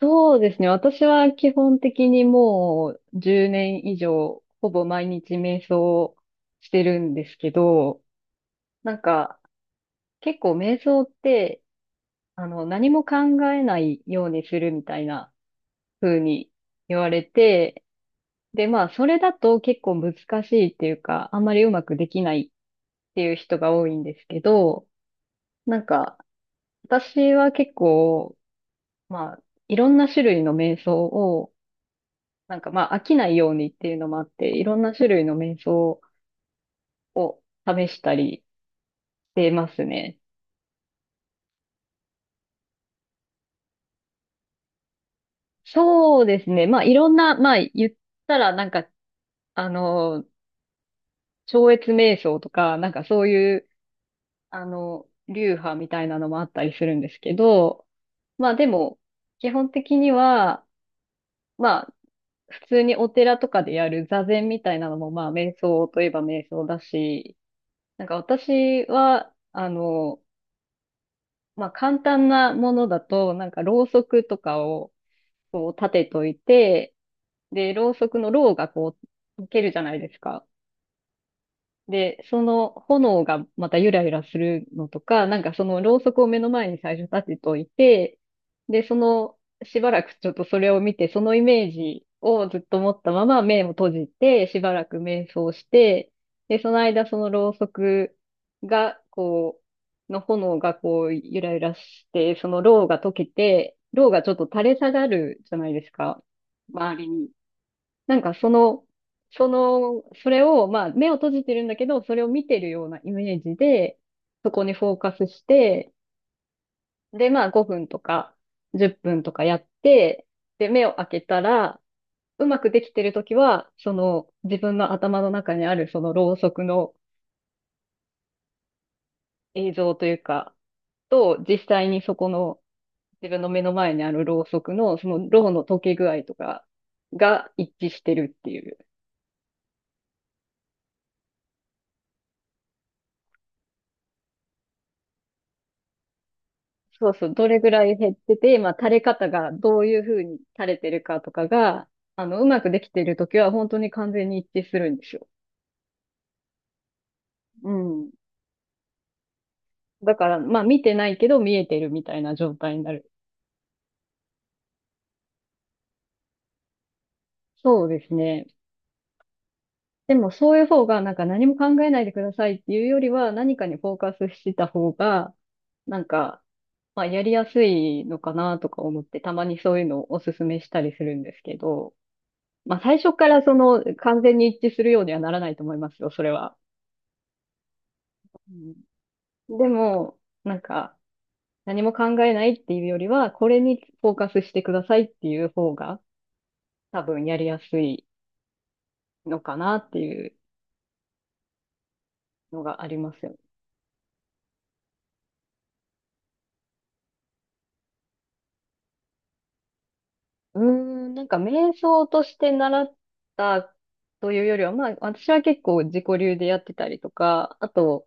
そうですね。私は基本的にもう10年以上、ほぼ毎日瞑想をしてるんですけど、なんか結構瞑想って、何も考えないようにするみたいな風に言われて、で、まあ、それだと結構難しいっていうか、あんまりうまくできないっていう人が多いんですけど、なんか、私は結構、まあ、いろんな種類の瞑想をまあ飽きないようにっていうのもあって、いろんな種類の瞑想を試したりしてますね。そうですね。まあいろんな、まあ言ったらなんか、あの、超越瞑想とか、なんかそういう、あの、流派みたいなのもあったりするんですけど、まあでも、基本的には、まあ普通にお寺とかでやる座禅みたいなのもまあ瞑想といえば瞑想だし、私は、まあ簡単なものだと、ろうそくとかをこう立てといて、で、ろうそくのろうがこう溶けるじゃないですか。で、その炎がまたゆらゆらするのとか、そのろうそくを目の前に最初立てといて、で、その、しばらくちょっとそれを見て、そのイメージをずっと持ったまま目を閉じて、しばらく瞑想して、で、その間そのろうそくが、の炎がこう、ゆらゆらして、そのろうが溶けて、ろうがちょっと垂れ下がるじゃないですか。周りに。なんかその、それを、まあ、目を閉じてるんだけど、それを見てるようなイメージで、そこにフォーカスして、で、まあ、5分とか、10分とかやって、で、目を開けたら、うまくできてるときは、その、自分の頭の中にある、その、ろうそくの映像というか、と、実際にそこの、自分の目の前にあるろうそくの、その、ろうの溶け具合とかが一致してるっていう。そうそう、どれぐらい減ってて、まあ、垂れ方がどういうふうに垂れてるかとかが、あの、うまくできてるときは本当に完全に一致するんですよ。うん。だから、まあ、見てないけど見えてるみたいな状態になる。そうですね。でも、そういう方が、何も考えないでくださいっていうよりは、何かにフォーカスしてた方が、なんか、まあ、やりやすいのかなとか思って、たまにそういうのをおすすめしたりするんですけど、まあ、最初からその、完全に一致するようにはならないと思いますよ、それは。うん。でも、なんか、何も考えないっていうよりは、これにフォーカスしてくださいっていう方が、多分やりやすいのかなっていうのがありますよね。うーん、瞑想として習ったというよりは、まあ私は結構自己流でやってたりとか、あと、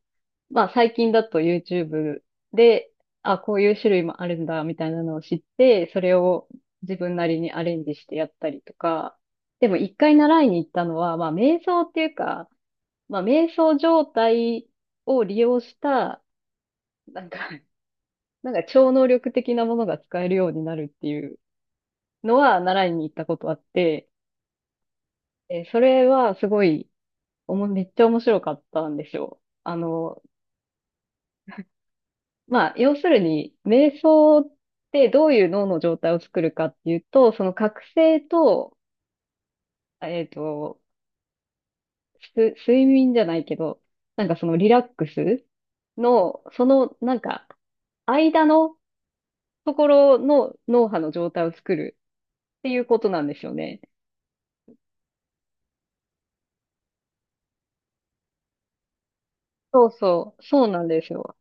まあ最近だと YouTube で、あ、こういう種類もあるんだみたいなのを知って、それを自分なりにアレンジしてやったりとか、でも一回習いに行ったのは、まあ瞑想っていうか、まあ瞑想状態を利用した、なんか、超能力的なものが使えるようになるっていうのは習いに行ったことあって、えーそれはすごい、めっちゃ面白かったんですよ。まあ、要するに、瞑想ってどういう脳の状態を作るかっていうと、その覚醒と、えっと、睡眠じゃないけど、そのリラックスの、間のところの脳波の状態を作るっていうことなんですよね。そうそう、そうなんですよ。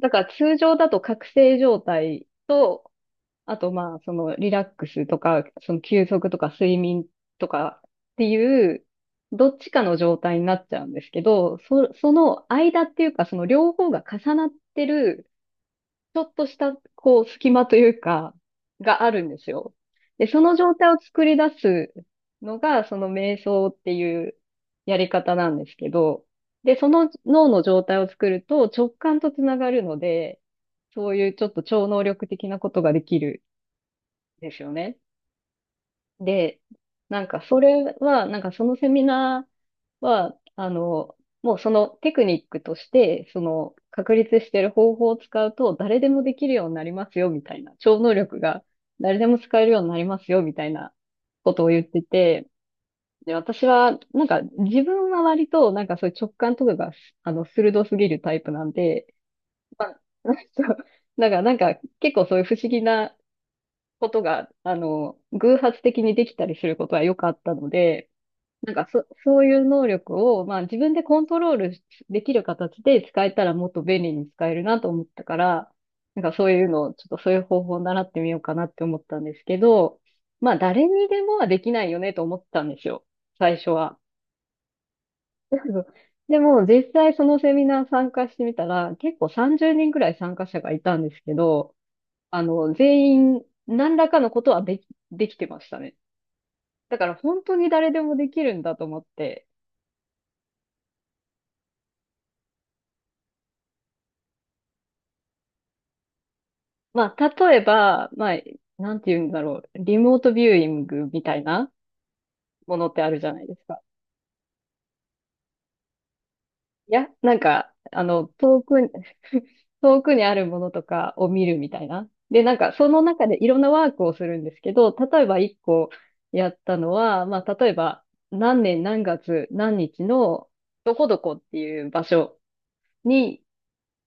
だから通常だと覚醒状態とあと、まあ、そのリラックスとか、その休息とか睡眠とかっていう、どっちかの状態になっちゃうんですけど、その間っていうか、その両方が重なってる、ちょっとした、こう、隙間というか、があるんですよ。で、その状態を作り出すのが、その瞑想っていうやり方なんですけど、で、その脳の状態を作ると直感とつながるので、そういうちょっと超能力的なことができる。ですよね。で、それは、そのセミナーは、もうそのテクニックとして、その確立してる方法を使うと誰でもできるようになりますよ、みたいな。超能力が誰でも使えるようになりますよ、みたいなことを言ってて、で、私は、自分は割と、そういう直感とかが、鋭すぎるタイプなんで、まあ、そうだから結構そういう不思議なことが、偶発的にできたりすることはよくあったので、そういう能力を、まあ自分でコントロールできる形で使えたらもっと便利に使えるなと思ったから、そういうのを、ちょっとそういう方法を習ってみようかなって思ったんですけど、まあ誰にでもはできないよねと思ったんですよ、最初は。でも実際そのセミナー参加してみたら、結構30人ぐらい参加者がいたんですけど、全員何らかのことはできてましたね。だから本当に誰でもできるんだと思って。まあ、例えば、まあ、なんて言うんだろう。リモートビューイングみたいなものってあるじゃないですか。いや、遠くに 遠くにあるものとかを見るみたいな。で、その中でいろんなワークをするんですけど、例えば一個やったのは、まあ、例えば、何年何月何日の、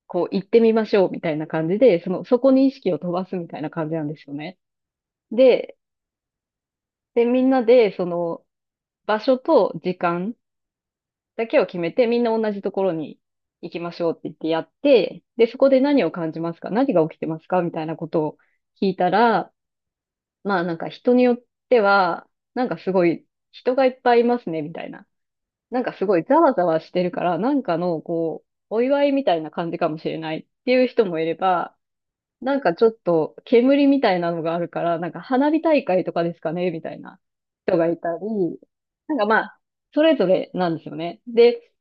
こう、行ってみましょうみたいな感じで、その、そこに意識を飛ばすみたいな感じなんですよね。で、で、みんなで、その、場所と時間だけを決めて、みんな同じところに行きましょうって言ってやって、で、そこで何を感じますか何が起きてますかみたいなことを聞いたら、まあ人によっては、なんかすごい人がいっぱいいますね、みたいな。なんかすごいざわざわしてるから、なんかの、こう、お祝いみたいな感じかもしれないっていう人もいれば、なんかちょっと煙みたいなのがあるから、なんか花火大会とかですかねみたいな。ったり、まあ、それぞれなんですよね。で、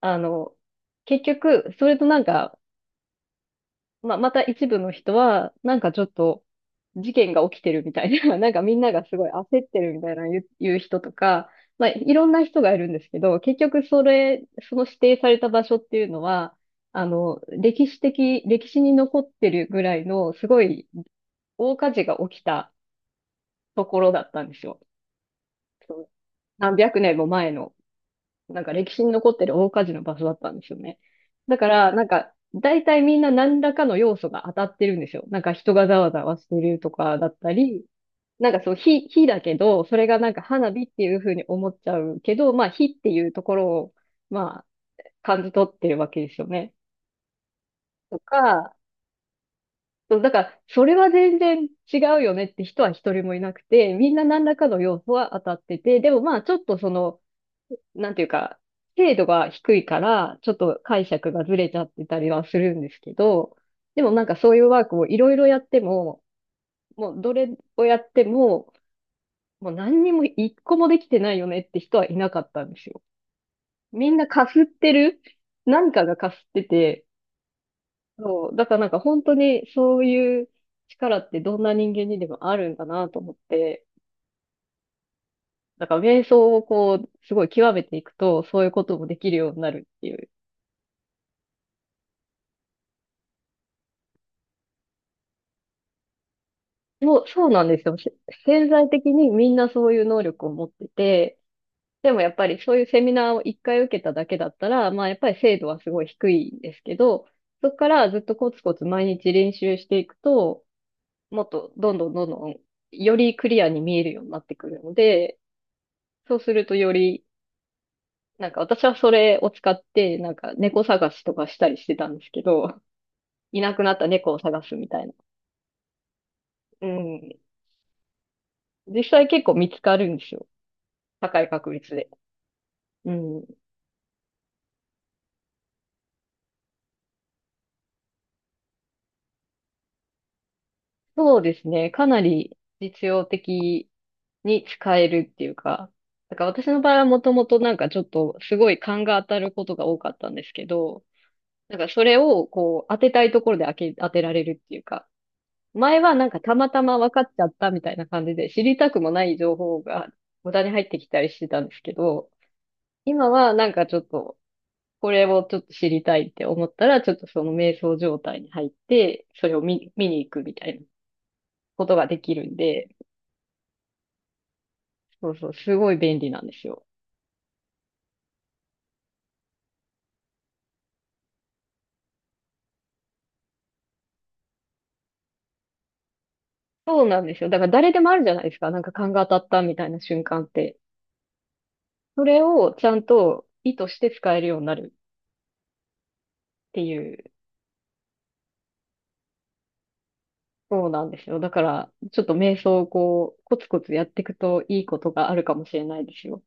あの、結局、それとなんか、まあ、また一部の人は、なんかちょっと、事件が起きてるみたいな、なんかみんながすごい焦ってるみたいな言う人とか、まあ、いろんな人がいるんですけど、結局それ、その指定された場所っていうのは、歴史に残ってるぐらいの、すごい大火事が起きたところだったんですよ。その何百年も前の。なんか歴史に残ってる大火事の場所だったんですよね。だから、なんか、大体みんな何らかの要素が当たってるんですよ。なんか人がざわざわしてるとかだったり、なんかそう、火だけど、それがなんか花火っていうふうに思っちゃうけど、まあ火っていうところを、まあ、感じ取ってるわけですよね。とか、そうだから、それは全然違うよねって人は一人もいなくて、みんな何らかの要素は当たってて、でもまあちょっとその、なんていうか、精度が低いから、ちょっと解釈がずれちゃってたりはするんですけど、でもなんかそういうワークをいろいろやっても、もうどれをやっても、もう何にも一個もできてないよねって人はいなかったんですよ。みんなかすってる、何かがかすってて、そう、だからなんか本当にそういう力ってどんな人間にでもあるんだなと思って、だから瞑想をこう、すごい極めていくと、そういうこともできるようになるっていう。そう、そうなんですよ。潜在的にみんなそういう能力を持ってて、でもやっぱりそういうセミナーを一回受けただけだったら、まあやっぱり精度はすごい低いんですけど、そこからずっとコツコツ毎日練習していくと、もっとどんどんどんどんよりクリアに見えるようになってくるので、そうするとより、なんか私はそれを使って、なんか猫探しとかしたりしてたんですけど、いなくなった猫を探すみたいな。うん。実際結構見つかるんですよ。高い確率で。うん。そうですね。かなり実用的に使えるっていうか、だから私の場合はもともとなんかちょっとすごい勘が当たることが多かったんですけど、なんかそれをこう当てたいところで当てられるっていうか、前はなんかたまたま分かっちゃったみたいな感じで知りたくもない情報が無駄に入ってきたりしてたんですけど、今はなんかちょっとこれをちょっと知りたいって思ったら、ちょっとその瞑想状態に入って、それを見に行くみたいなことができるんで、そうそう、すごい便利なんですよ。そうなんですよ。だから誰でもあるじゃないですか。なんか勘が当たったみたいな瞬間って。それをちゃんと意図して使えるようになるっていう。そうなんですよ。だから、ちょっと瞑想をこう、コツコツやっていくといいことがあるかもしれないですよ。